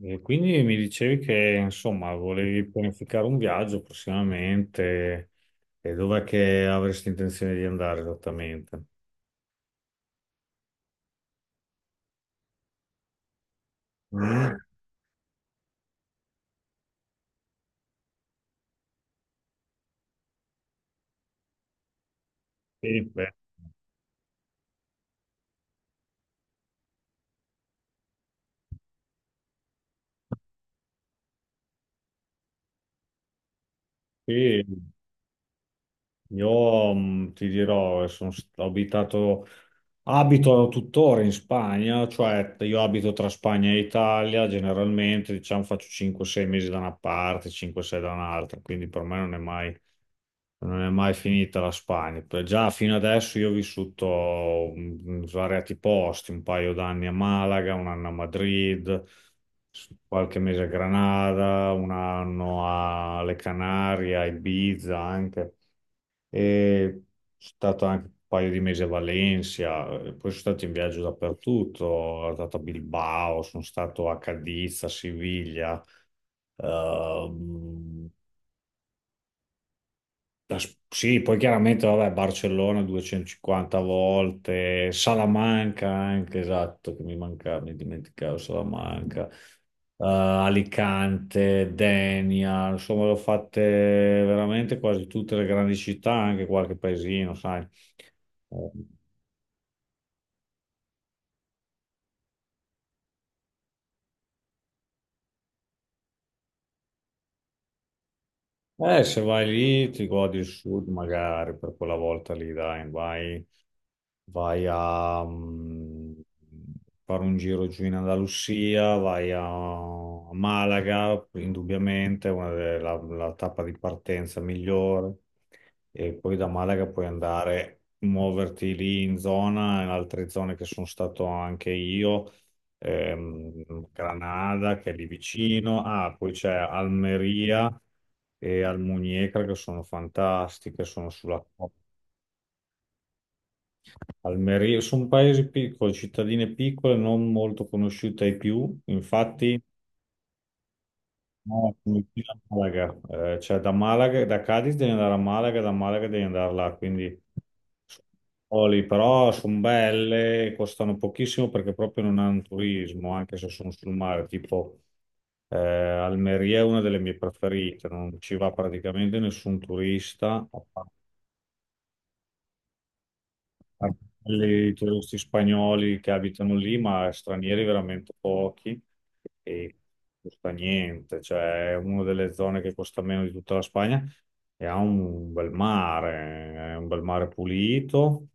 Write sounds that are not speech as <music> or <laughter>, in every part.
E quindi mi dicevi che insomma volevi pianificare un viaggio prossimamente e dov'è che avresti intenzione di andare esattamente? Mm, sì, beh, sì, io ti dirò, sono, st- ho abitato abito tuttora in Spagna, cioè io abito tra Spagna e Italia, generalmente diciamo faccio 5-6 mesi da una parte, 5-6 da un'altra, quindi per me non è mai finita la Spagna. Già fino adesso io ho vissuto in svariati posti, un paio d'anni a Malaga, un anno a Madrid, qualche mese a Granada, un anno alle Canarie, a Ibiza anche. E stato anche un paio di mesi a Valencia, poi sono stato in viaggio dappertutto, sono stato a Bilbao, sono stato a Cadiz, a Siviglia, ehm, sì, poi chiaramente, vabbè, Barcellona 250 volte, Salamanca anche, esatto, che mi mancava, mi dimenticavo Salamanca. Alicante, Denia, insomma, l'ho fatte veramente quasi tutte le grandi città, anche qualche paesino, sai. Ehm, se vai lì ti godi il sud magari per quella volta lì, dai, vai a fare un giro giù in Andalusia, vai a Malaga, indubbiamente, la tappa di partenza migliore e poi da Malaga puoi andare, muoverti lì in zona, in altre zone che sono stato anche io, Granada che è lì vicino. Ah, poi c'è Almeria e Almuñécar che sono fantastiche, sono sulla Almeria, sono paesi piccoli, cittadine piccole, non molto conosciute ai più, infatti. No, Fiorentina a Malaga. Cioè da Malaga, da Cadiz devi andare a Malaga, da Malaga devi andare là, quindi Oli, però sono belle, costano pochissimo perché proprio non hanno turismo, anche se sono sul mare, tipo Almeria è una delle mie preferite, non ci va praticamente nessun turista, i turisti spagnoli che abitano lì, ma stranieri veramente pochi e costa niente, cioè è una delle zone che costa meno di tutta la Spagna e ha un bel mare, è un bel mare pulito,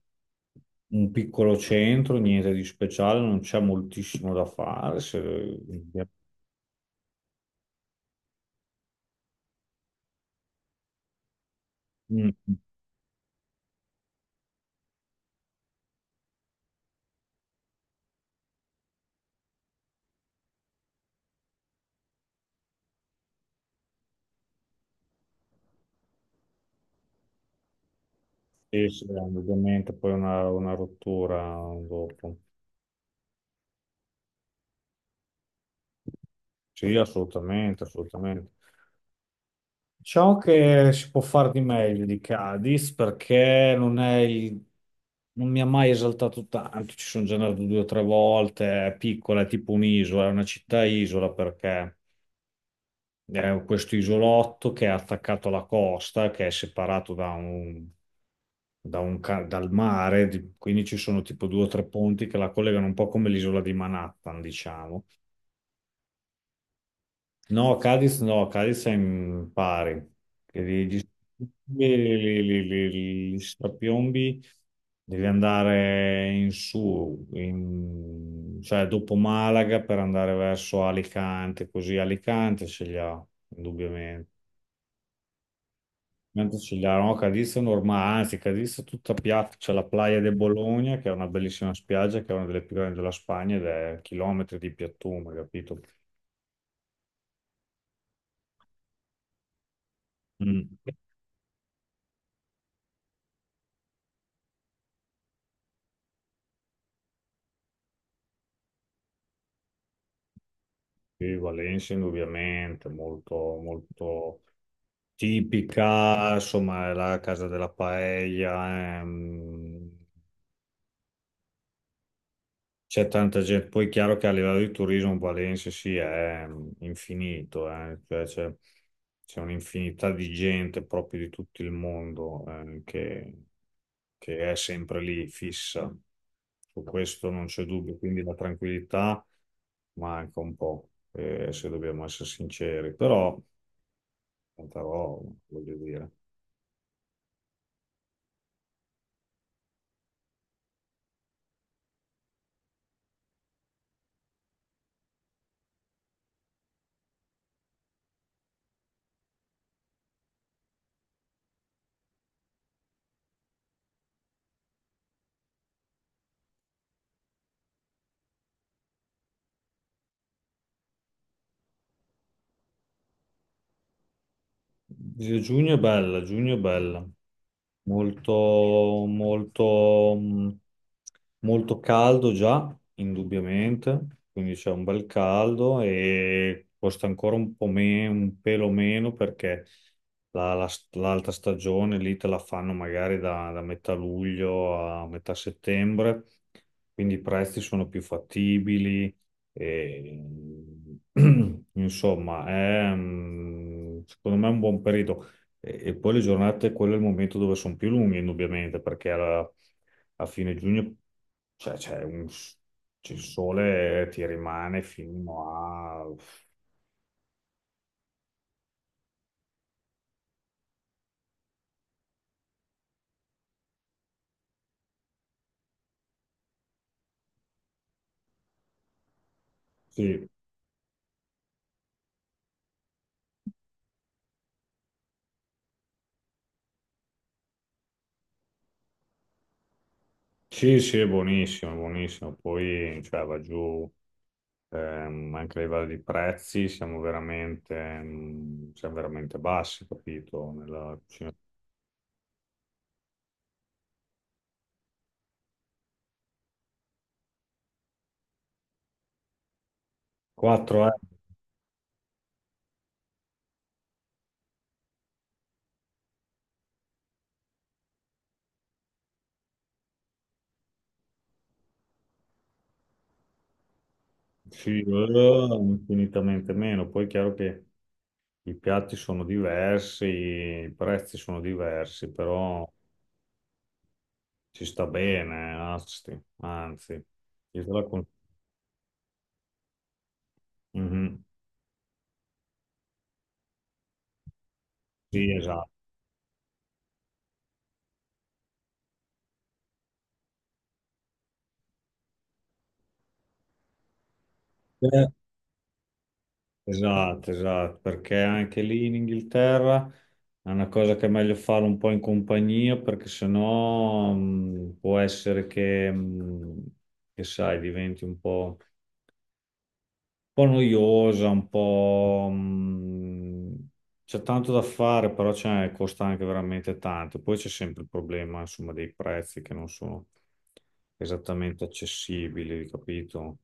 un piccolo centro, niente di speciale, non c'è moltissimo da fare, se, Mm, sì, sì, ovviamente poi una rottura dopo. Sì, assolutamente, assolutamente. Ciò che si può fare di meglio di Cadiz perché non è il- non mi ha mai esaltato tanto, ci sono già andato due o tre volte, è piccola, è tipo un'isola, è una città-isola perché è questo isolotto che è attaccato alla costa, che è separato da un, dal mare, quindi ci sono tipo due o tre ponti che la collegano un po' come l'isola di Manhattan, diciamo. No, Cadiz no, Cadiz è in pari, che li, gli, li, li- li- gli strapiombi devi andare in su, cioè dopo Malaga per andare verso Alicante, così Alicante ce li ha, indubbiamente. Mentre ce li ha, no, Cadiz è normale, anzi Cadiz è tutta piatta, c'è la Playa de Bologna che è una bellissima spiaggia, che è una delle più grandi della Spagna ed è chilometri di piattume, capito? Mm. Sì, Valencia indubbiamente, molto, molto tipica, insomma, è la casa della paella, c'è tanta gente, poi è chiaro che a livello di turismo Valencia sì, è infinito, cioè c'è un'infinità di gente proprio di tutto il mondo, che, è sempre lì, fissa, su questo non c'è dubbio, quindi la tranquillità manca un po', se dobbiamo essere sinceri, però. Tanta roba, voglio dire. Giugno è bella, giugno è bella. Molto, molto, molto caldo già, indubbiamente, quindi c'è un bel caldo e costa ancora un po' meno, un pelo meno perché l'alta stagione lì te la fanno magari da metà luglio a metà settembre, quindi i prezzi sono più fattibili. E, <clears throat> insomma, secondo me è un buon periodo. E poi le giornate, quello è il momento dove sono più lunghe, indubbiamente, perché a fine giugno cioè, c'è il sole ti rimane fino a. Sì, sì, sì, è buonissimo, è buonissimo. Poi cioè, va giù, anche a livello di prezzi, siamo veramente bassi, capito? Nella cucina. €4, sì, infinitamente meno. Poi è chiaro che i piatti sono diversi, i prezzi sono diversi, però ci sta bene, anzi, anzi, io te la con- Mhm. Sì, esatto. Eh, esatto, esatto, perché anche lì in Inghilterra è una cosa che è meglio fare un po' in compagnia, perché sennò può essere che sai, diventi un po', noiosa, un po', c'è tanto da fare, però c'è, costa anche veramente tanto. Poi c'è sempre il problema, insomma, dei prezzi che non sono esattamente accessibili, capito?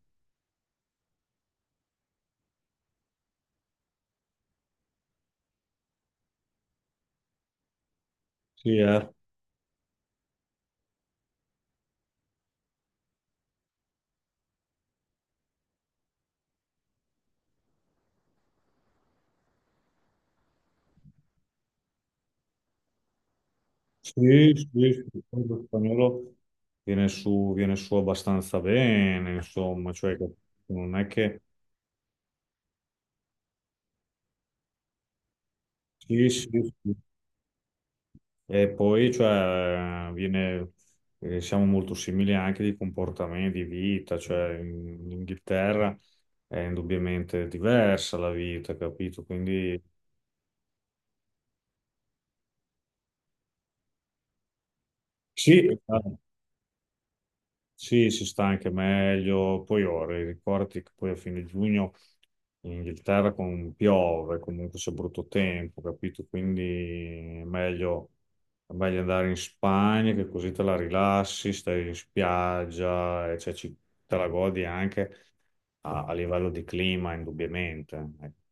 Sì, eh. Sì, sì, sì, il fondo spagnolo viene su abbastanza bene, insomma, cioè non è che. Sì, sì, sì. E poi, cioè, siamo molto simili anche di comportamenti, di vita, cioè in, Inghilterra è indubbiamente diversa la vita, capito? Quindi sì. Sì, si sta anche meglio. Poi ora, ricordi che poi a fine giugno in Inghilterra piove, comunque c'è brutto tempo, capito? Quindi è meglio, andare in Spagna che così te la rilassi, stai in spiaggia, e cioè te la godi anche a livello di clima, indubbiamente. Ecco.